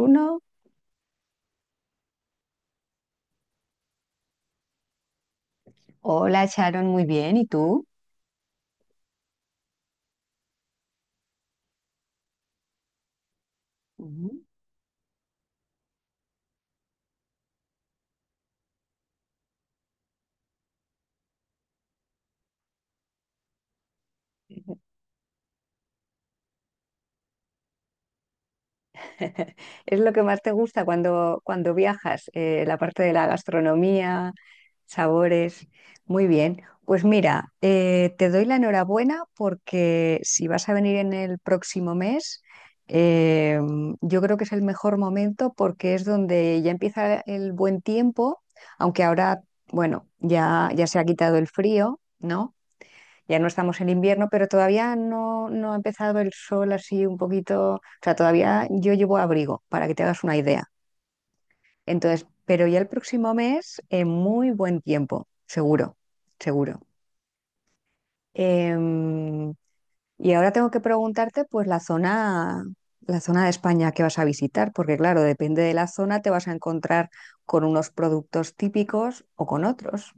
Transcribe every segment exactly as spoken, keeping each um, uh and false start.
Uno, hola Sharon, muy bien. ¿Y tú? Ujú. ¿Es lo que más te gusta cuando, cuando viajas? Eh, la parte de la gastronomía, sabores. Muy bien. Pues mira, eh, te doy la enhorabuena porque si vas a venir en el próximo mes, eh, yo creo que es el mejor momento porque es donde ya empieza el buen tiempo, aunque ahora, bueno, ya, ya se ha quitado el frío, ¿no? Ya no estamos en invierno, pero todavía no, no ha empezado el sol así un poquito. O sea, todavía yo llevo abrigo, para que te hagas una idea. Entonces, pero ya el próximo mes, en muy buen tiempo, seguro, seguro. Em, y ahora tengo que preguntarte, pues, la zona, la zona de España que vas a visitar, porque claro, depende de la zona, te vas a encontrar con unos productos típicos o con otros.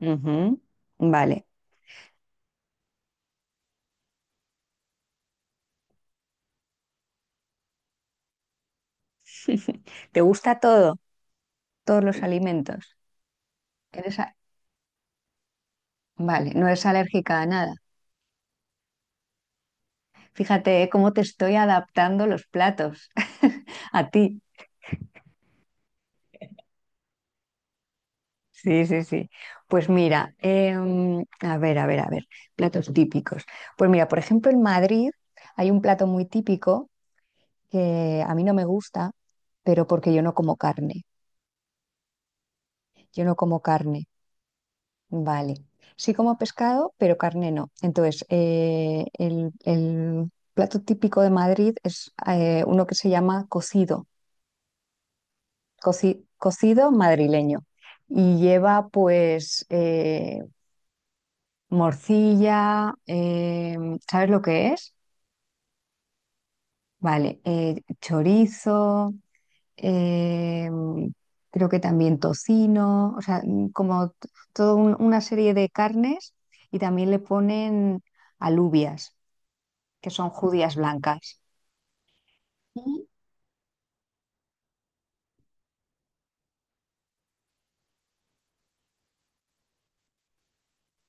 Ujú. Vale. ¿Te gusta todo, todos los alimentos? ¿Eres? Vale, no es alérgica a nada. Fíjate, ¿eh? Cómo te estoy adaptando los platos a ti. Sí, sí, sí. Pues mira, em, a ver, a ver, a ver, platos típicos. Pues mira, por ejemplo, en Madrid hay un plato muy típico que a mí no me gusta, pero porque yo no como carne. Yo no como carne, vale. Sí como pescado, pero carne no. Entonces, eh, el, el plato típico de Madrid es eh, uno que se llama cocido, coci- cocido madrileño. Y lleva pues eh, morcilla, eh, ¿sabes lo que es? Vale, eh, chorizo, eh, creo que también tocino, o sea, mm, como t- toda un- una serie de carnes y también le ponen alubias, que son judías blancas. Y-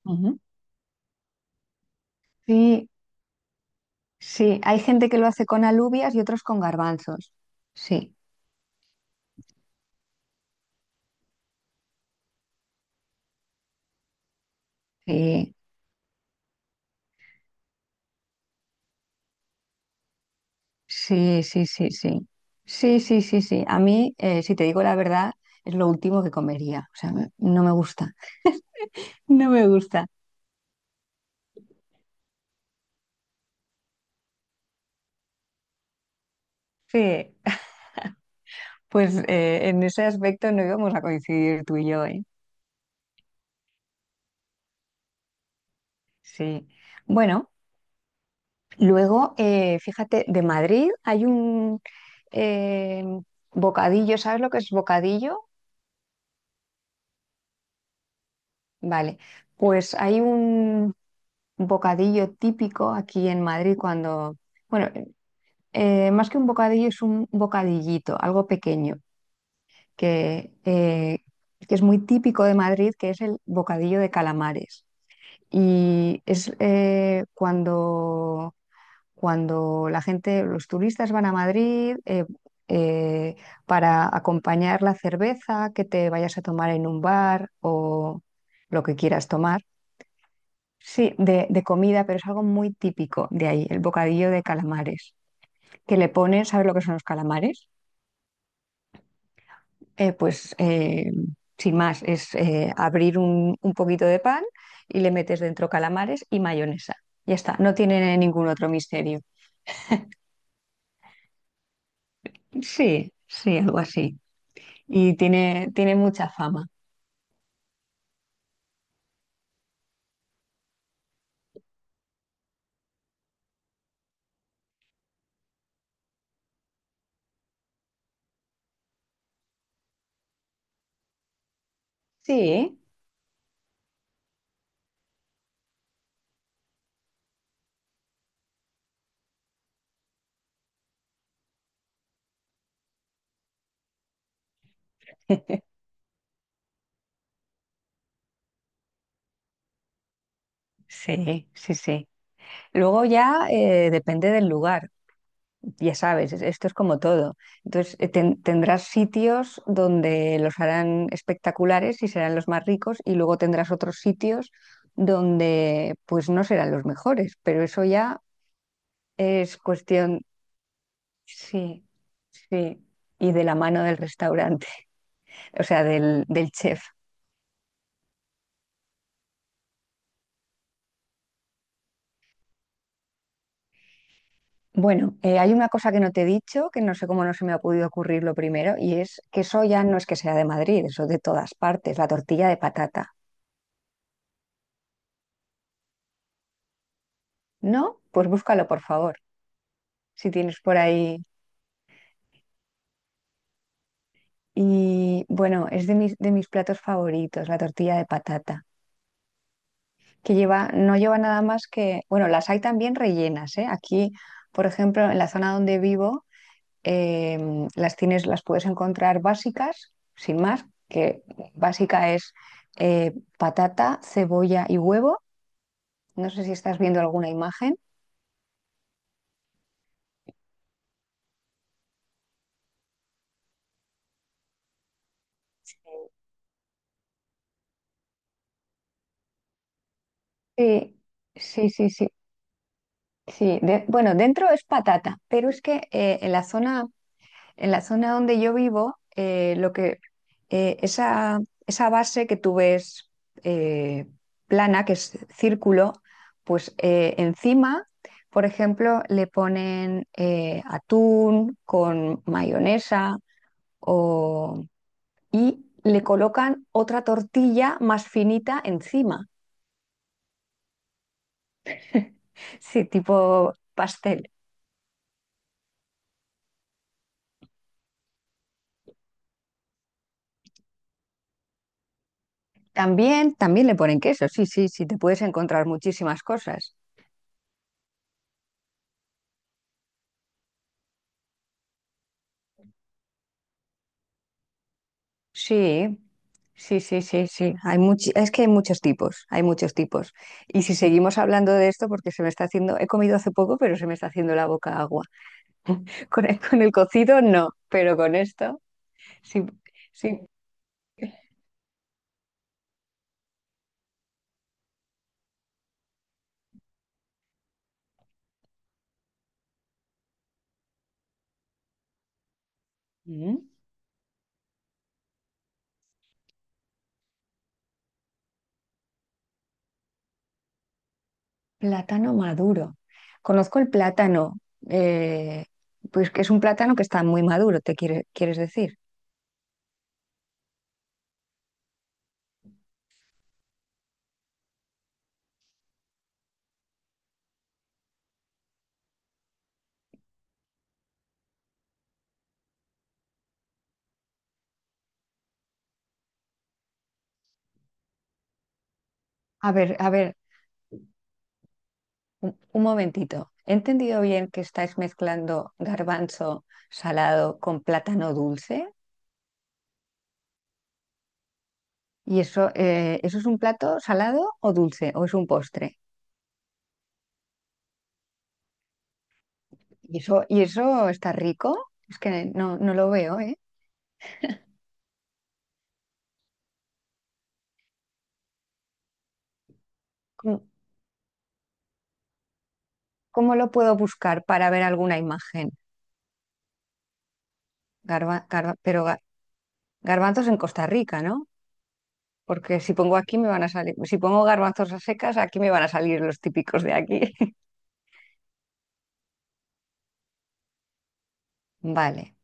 ujú. Sí, sí, hay gente que lo hace con alubias y otros con garbanzos. Sí, sí. Sí, sí, sí, sí. Sí, sí, sí, sí. A mí, eh, si te digo la verdad, es lo último que comería. O sea, me- no me gusta. No me gusta. Sí. Pues eh, en ese aspecto no íbamos a coincidir tú y yo, ¿eh? Sí. Bueno, luego, eh, fíjate, de Madrid hay un eh, bocadillo. ¿Sabes lo que es bocadillo? Vale. Pues hay un bocadillo típico aquí en Madrid cuando... Bueno, eh, más que un bocadillo, es un bocadillito, algo pequeño, que, eh, que es muy típico de Madrid, que es el bocadillo de calamares. Y es eh, cuando, cuando la gente, los turistas van a Madrid eh, eh, para acompañar la cerveza que te vayas a tomar en un bar o lo que quieras tomar. Sí, de, de comida, pero es algo muy típico de ahí, el bocadillo de calamares. Que le ponen, ¿sabes lo que son los calamares? Eh, pues eh, sin más, es eh, abrir un, un poquito de pan y le metes dentro calamares y mayonesa. Ya está, no tiene ningún otro misterio. Sí, sí, algo así. Y tiene, tiene mucha fama. Sí. Sí, sí, sí. Luego ya eh, depende del lugar. Ya sabes, es- esto es como todo. Entonces, eh, ten- tendrás sitios donde los harán espectaculares y serán los más ricos y luego tendrás otros sitios donde pues no serán los mejores, pero eso ya es cuestión, sí, sí, y de la mano del restaurante, o sea, del, del chef. Bueno, eh, hay una cosa que no te he dicho, que no sé cómo no se me ha podido ocurrir lo primero, y es que eso ya no es que sea de Madrid, eso es de todas partes, la tortilla de patata. ¿No? Pues búscalo, por favor. Si tienes por ahí. Y bueno, es de mis, de mis platos favoritos, la tortilla de patata, que lleva, no lleva nada más que, bueno, las hay también rellenas, ¿eh? Aquí, por ejemplo, en la zona donde vivo, em, las tienes, las puedes encontrar básicas, sin más, que básica es eh, patata, cebolla y huevo. No sé si estás viendo alguna imagen. Sí, sí, sí, sí. Sí, de- bueno, dentro es patata, pero es que eh, en la zona, en la zona donde yo vivo, eh, lo que, eh, esa, esa base que tú ves eh, plana, que es círculo, pues eh, encima, por ejemplo, le ponen eh, atún con mayonesa o... y le colocan otra tortilla más finita encima, sí, tipo pastel. También, también le ponen queso, sí, sí, sí, te puedes encontrar muchísimas cosas. Sí, sí, sí, sí, sí. Hay much- Es que hay muchos tipos, hay muchos tipos. Y si seguimos hablando de esto, porque se me está haciendo, he comido hace poco, pero se me está haciendo la boca agua. Con el, con el cocido no, pero con esto sí, sí. Mm. Plátano maduro. Conozco el plátano, eh, pues que es un plátano que está muy maduro, te quiere- quieres decir. A ver, a ver, Un, un momentito, ¿he entendido bien que estáis mezclando garbanzo salado con plátano dulce? ¿Y eso, eh, eso es un plato salado o dulce o es un postre? ¿Y eso, y eso está rico? Es que no, no lo veo, ¿eh? ¿Cómo, cómo lo puedo buscar para ver alguna imagen? Garba- garba- pero ga- garbanzos en Costa Rica, ¿no? Porque si pongo aquí me van a salir, si pongo garbanzos a secas, aquí me van a salir los típicos de aquí. Vale.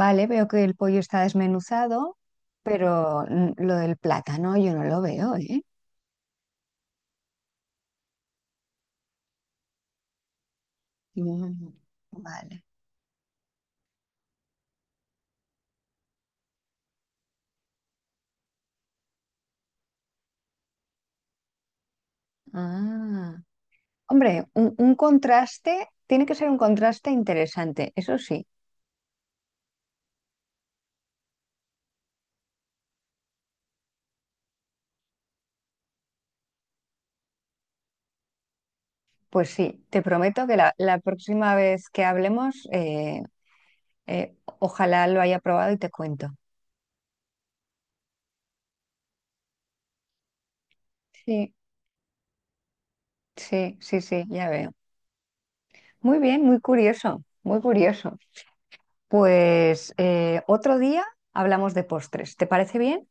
Vale, veo que el pollo está desmenuzado, pero mm, lo del plátano yo no lo veo, ¿eh? Mm. Vale. Ah. Hombre, un, un contraste, tiene que ser un contraste interesante, eso sí. Pues sí, te prometo que la, la próxima vez que hablemos, eh, eh, ojalá lo haya probado y te cuento. Sí, sí, sí, sí, ya veo. Muy bien, muy curioso, muy curioso. Pues eh, otro día hablamos de postres, ¿te parece bien?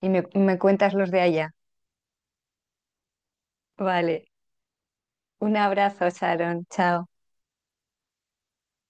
Y me, me cuentas los de allá. Vale, un abrazo, Sharon. Chao.